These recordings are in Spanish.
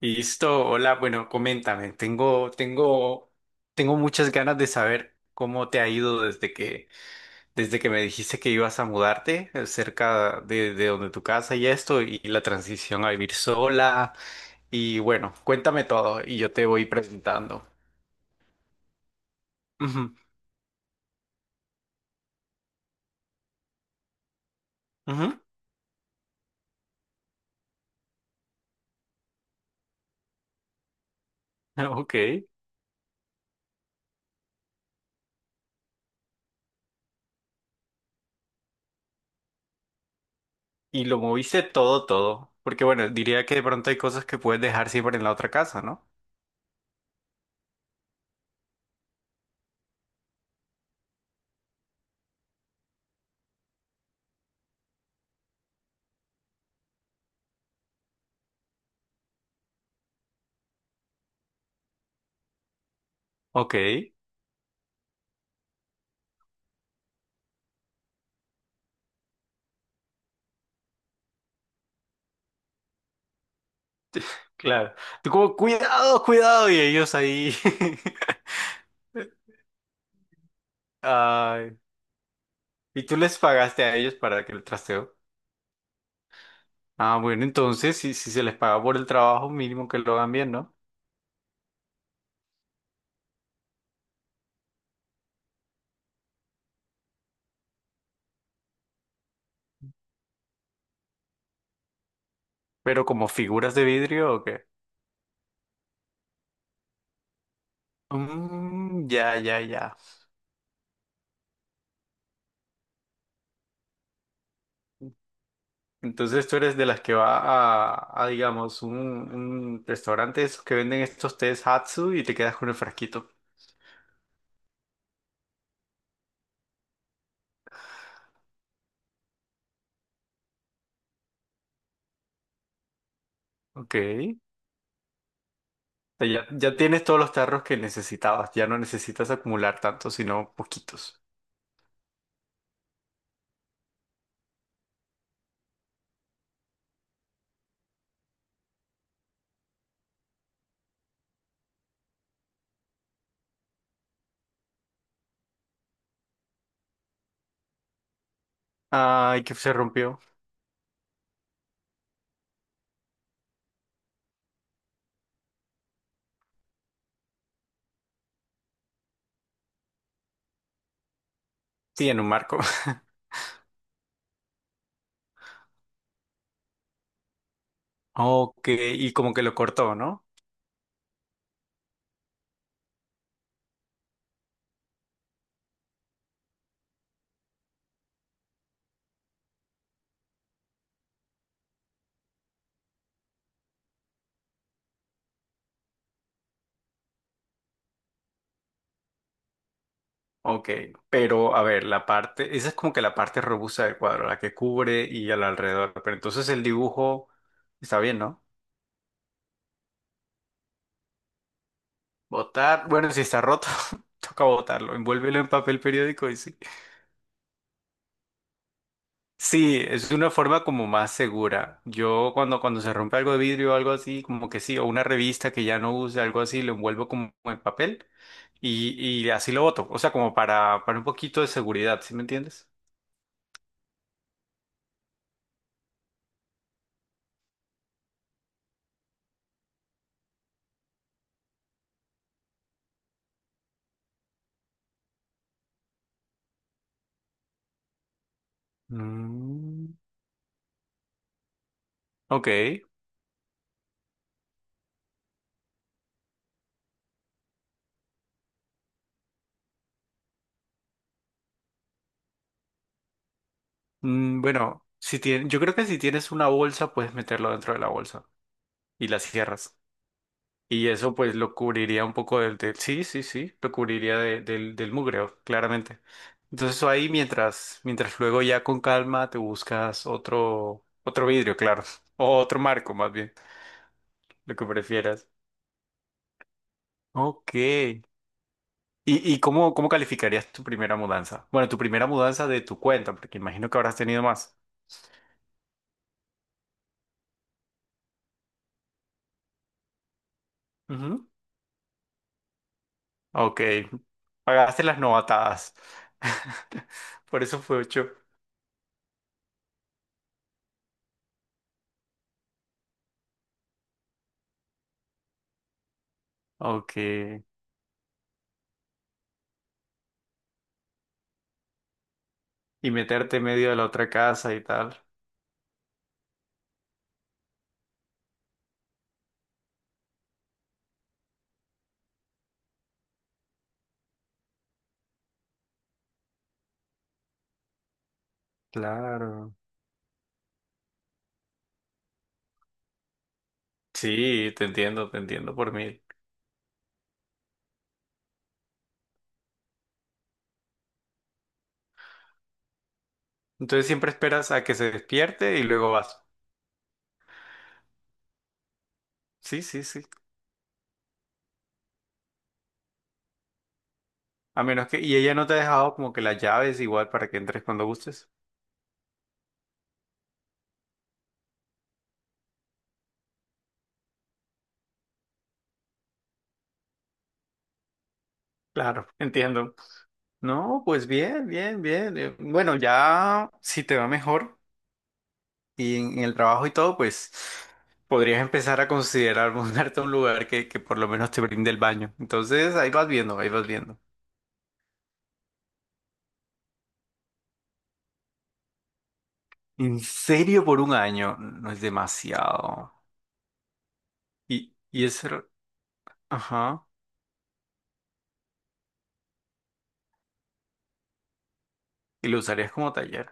Listo, hola, bueno, coméntame, tengo muchas ganas de saber cómo te ha ido desde que me dijiste que ibas a mudarte cerca de donde tu casa y esto, y la transición a vivir sola, y bueno, cuéntame todo y yo te voy presentando. Ujú, ujú, Ok, y lo moviste todo, todo, porque bueno, diría que de pronto hay cosas que puedes dejar siempre en la otra casa, ¿no? Ok, claro. Tú como, cuidado, cuidado, y ellos ahí. Ay, ¿y tú les pagaste a ellos para que el trasteo? Ah, bueno, entonces si se les paga por el trabajo, mínimo que lo hagan bien, ¿no? ¿Pero como figuras de vidrio o qué? Mm, ya, ya, ya. Entonces tú eres de las que va a, digamos, un restaurante de esos que venden estos tés Hatsu y te quedas con el frasquito. Ok. O sea, ya, ya tienes todos los tarros que necesitabas. Ya no necesitas acumular tantos, sino poquitos. Ay, que se rompió. Sí, en un marco. Ok, y como que lo cortó, ¿no? Ok, pero a ver, la parte, esa es como que la parte robusta del cuadro, la que cubre y al alrededor, pero entonces el dibujo está bien, ¿no? Botar, bueno, si está roto, toca botarlo, envuélvelo en papel periódico y sí. Sí, es una forma como más segura. Yo cuando se rompe algo de vidrio o algo así, como que sí, o una revista que ya no use, algo así, lo envuelvo como en papel y así lo boto, o sea, para un poquito de seguridad, ¿sí me entiendes? Mm. Ok. Mm, bueno, si tien- yo creo que si tienes una bolsa, puedes meterlo dentro de la bolsa y la cierras. Y eso pues lo cubriría un poco del... del- sí, sí, sí, lo cubriría de- del, del mugreo, claramente. Entonces eso ahí mientras luego ya con calma te buscas otro, otro vidrio, claro. O otro marco más bien, lo que prefieras. Ok. ¿Y cómo, cómo calificarías tu primera mudanza? Bueno, tu primera mudanza de tu cuenta, porque imagino que habrás tenido más. Ok, pagaste las novatadas. Por eso fue ocho. Ok, y meterte en medio de la otra casa y tal. Claro. Sí, te entiendo por mil. Entonces siempre esperas a que se despierte y luego vas. Sí, sí, sí. A menos que... Y ella no te ha dejado como que las llaves igual para que entres cuando gustes. Claro, entiendo. No, pues bien, bien, bien. Bueno, ya si te va mejor. Y en el trabajo y todo, pues podrías empezar a considerar mudarte a un lugar que por lo menos te brinde el baño. Entonces ahí vas viendo, ahí vas viendo. En serio, por un año no es demasiado. Y, y eso, era- ajá, y lo usarías como taller.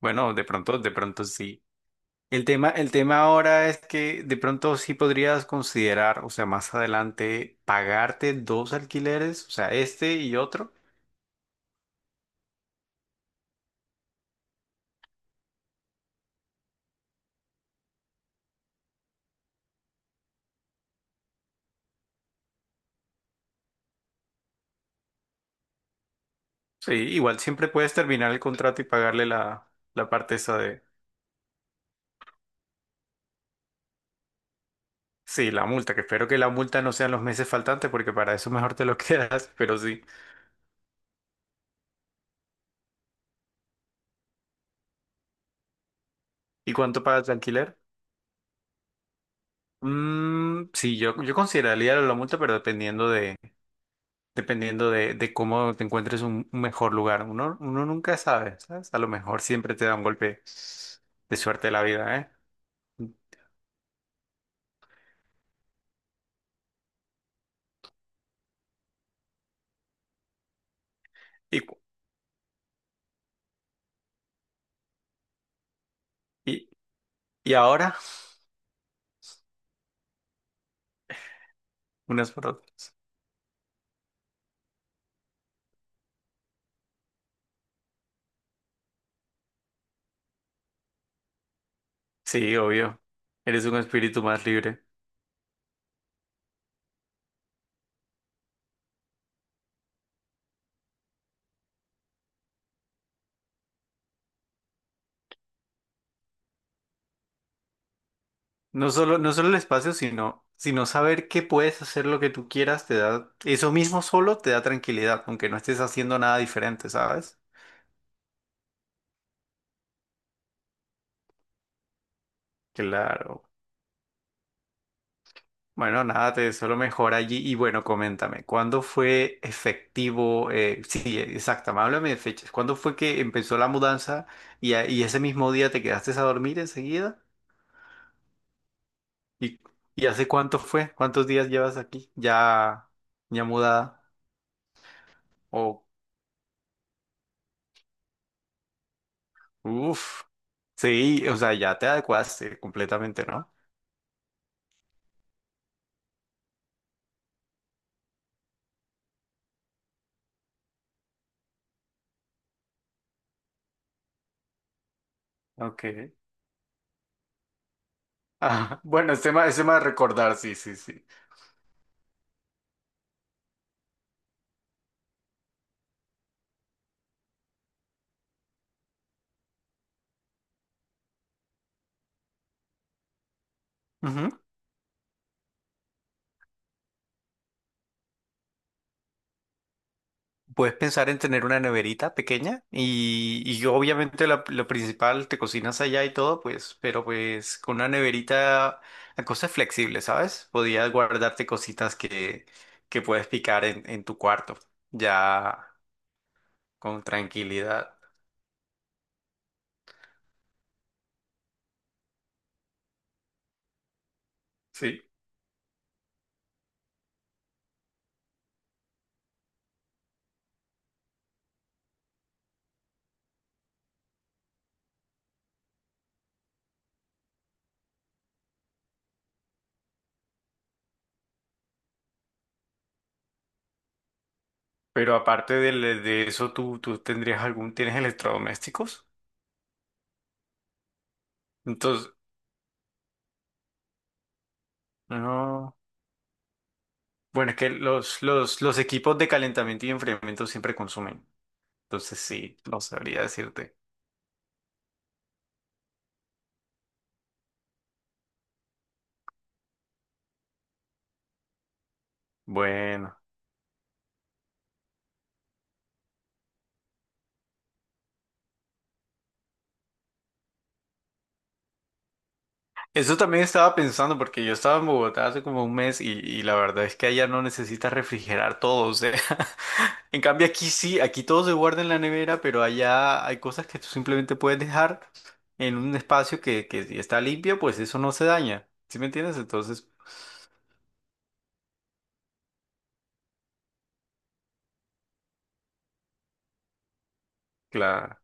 Bueno, de pronto sí. El tema ahora es que de pronto sí podrías considerar, o sea, más adelante, pagarte dos alquileres, o sea, este y otro. Sí, igual siempre puedes terminar el contrato y pagarle la parte esa. Sí, la multa, que espero que la multa no sean los meses faltantes porque para eso mejor te lo quedas, pero sí. ¿Y cuánto pagas de alquiler? Mm, sí, yo consideraría la multa, pero dependiendo de cómo te encuentres un mejor lugar. Uno, uno nunca sabe, ¿sabes? A lo mejor siempre te da un golpe de suerte la vida, ¿eh? Y, cu- y, y ahora, unas por otras. Sí, obvio. Eres un espíritu más libre. No solo, no solo el espacio, sino, sino saber que puedes hacer lo que tú quieras, te da, eso mismo solo te da tranquilidad, aunque no estés haciendo nada diferente, ¿sabes? Claro. Bueno, nada, te deseo lo mejor allí. Y bueno, coméntame, ¿cuándo fue efectivo? Eh, sí, exacto, háblame de fechas. ¿Cuándo fue que empezó la mudanza y ese mismo día te quedaste a dormir enseguida? ¿Y, ¿y hace cuánto fue? ¿Cuántos días llevas aquí? ¿Ya, ya mudada? ¿O uf, sí, o sea, ya te adecuaste completamente, ¿no? Ok. Ah, bueno, es tema de recordar, sí, sí, sí. Ujú. Puedes pensar en tener una neverita pequeña y obviamente la- lo principal, te cocinas allá y todo, pues, pero pues con una neverita la cosa es flexible, ¿sabes? Podías guardarte cositas que puedes picar en tu cuarto, ya con tranquilidad. Sí. Pero aparte de, le- de eso, ¿tú, tú tendrías algún, tienes electrodomésticos? Entonces, no. Bueno, es que los equipos de calentamiento y enfriamiento siempre consumen. Entonces, sí, no sabría decirte. Bueno. Eso también estaba pensando porque yo estaba en Bogotá hace como un mes y la verdad es que allá no necesitas refrigerar todo, o sea, en cambio aquí sí, aquí todo se guarda en la nevera, pero allá hay cosas que tú simplemente puedes dejar en un espacio que si está limpio, pues eso no se daña, ¿sí me entiendes? Entonces, claro,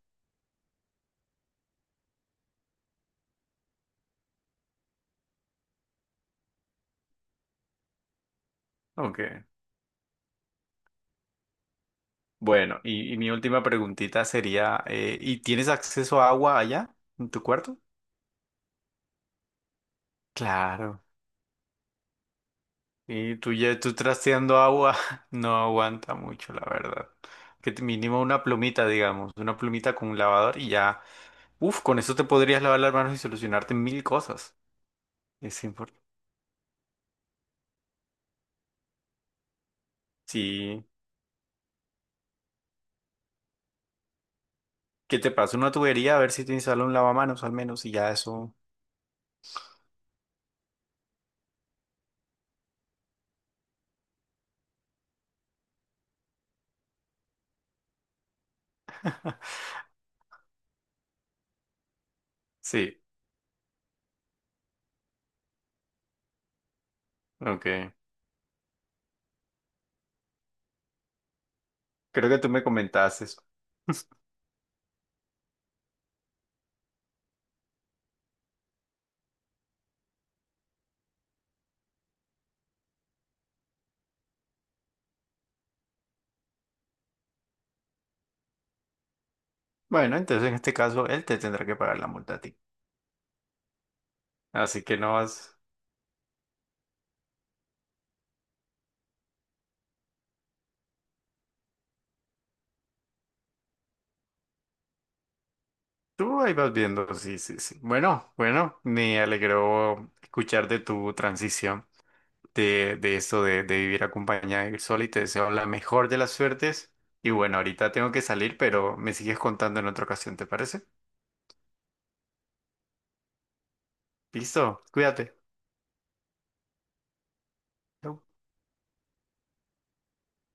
ok. Bueno, y mi última preguntita sería, ¿y tienes acceso a agua allá en tu cuarto? Claro. Y tú ya tú trasteando agua no aguanta mucho, la verdad. Que te- mínimo una plumita, digamos, una plumita con un lavador y ya, uf, con eso te podrías lavar las manos y solucionarte mil cosas. Es importante. Sí, que te pase una tubería a ver si te instala un lavamanos al menos y ya eso. Sí, ok. Creo que tú me comentaste eso. Bueno, entonces en este caso él te tendrá que pagar la multa a ti. Así que no vas. Tú ahí vas viendo, sí, sí, sí. Bueno, bueno, me alegró escuchar de tu transición, de esto de vivir acompañada de ir sola y te deseo la mejor de las suertes. Y bueno, ahorita tengo que salir, pero me sigues contando en otra ocasión, ¿te parece? Listo, cuídate. Chau.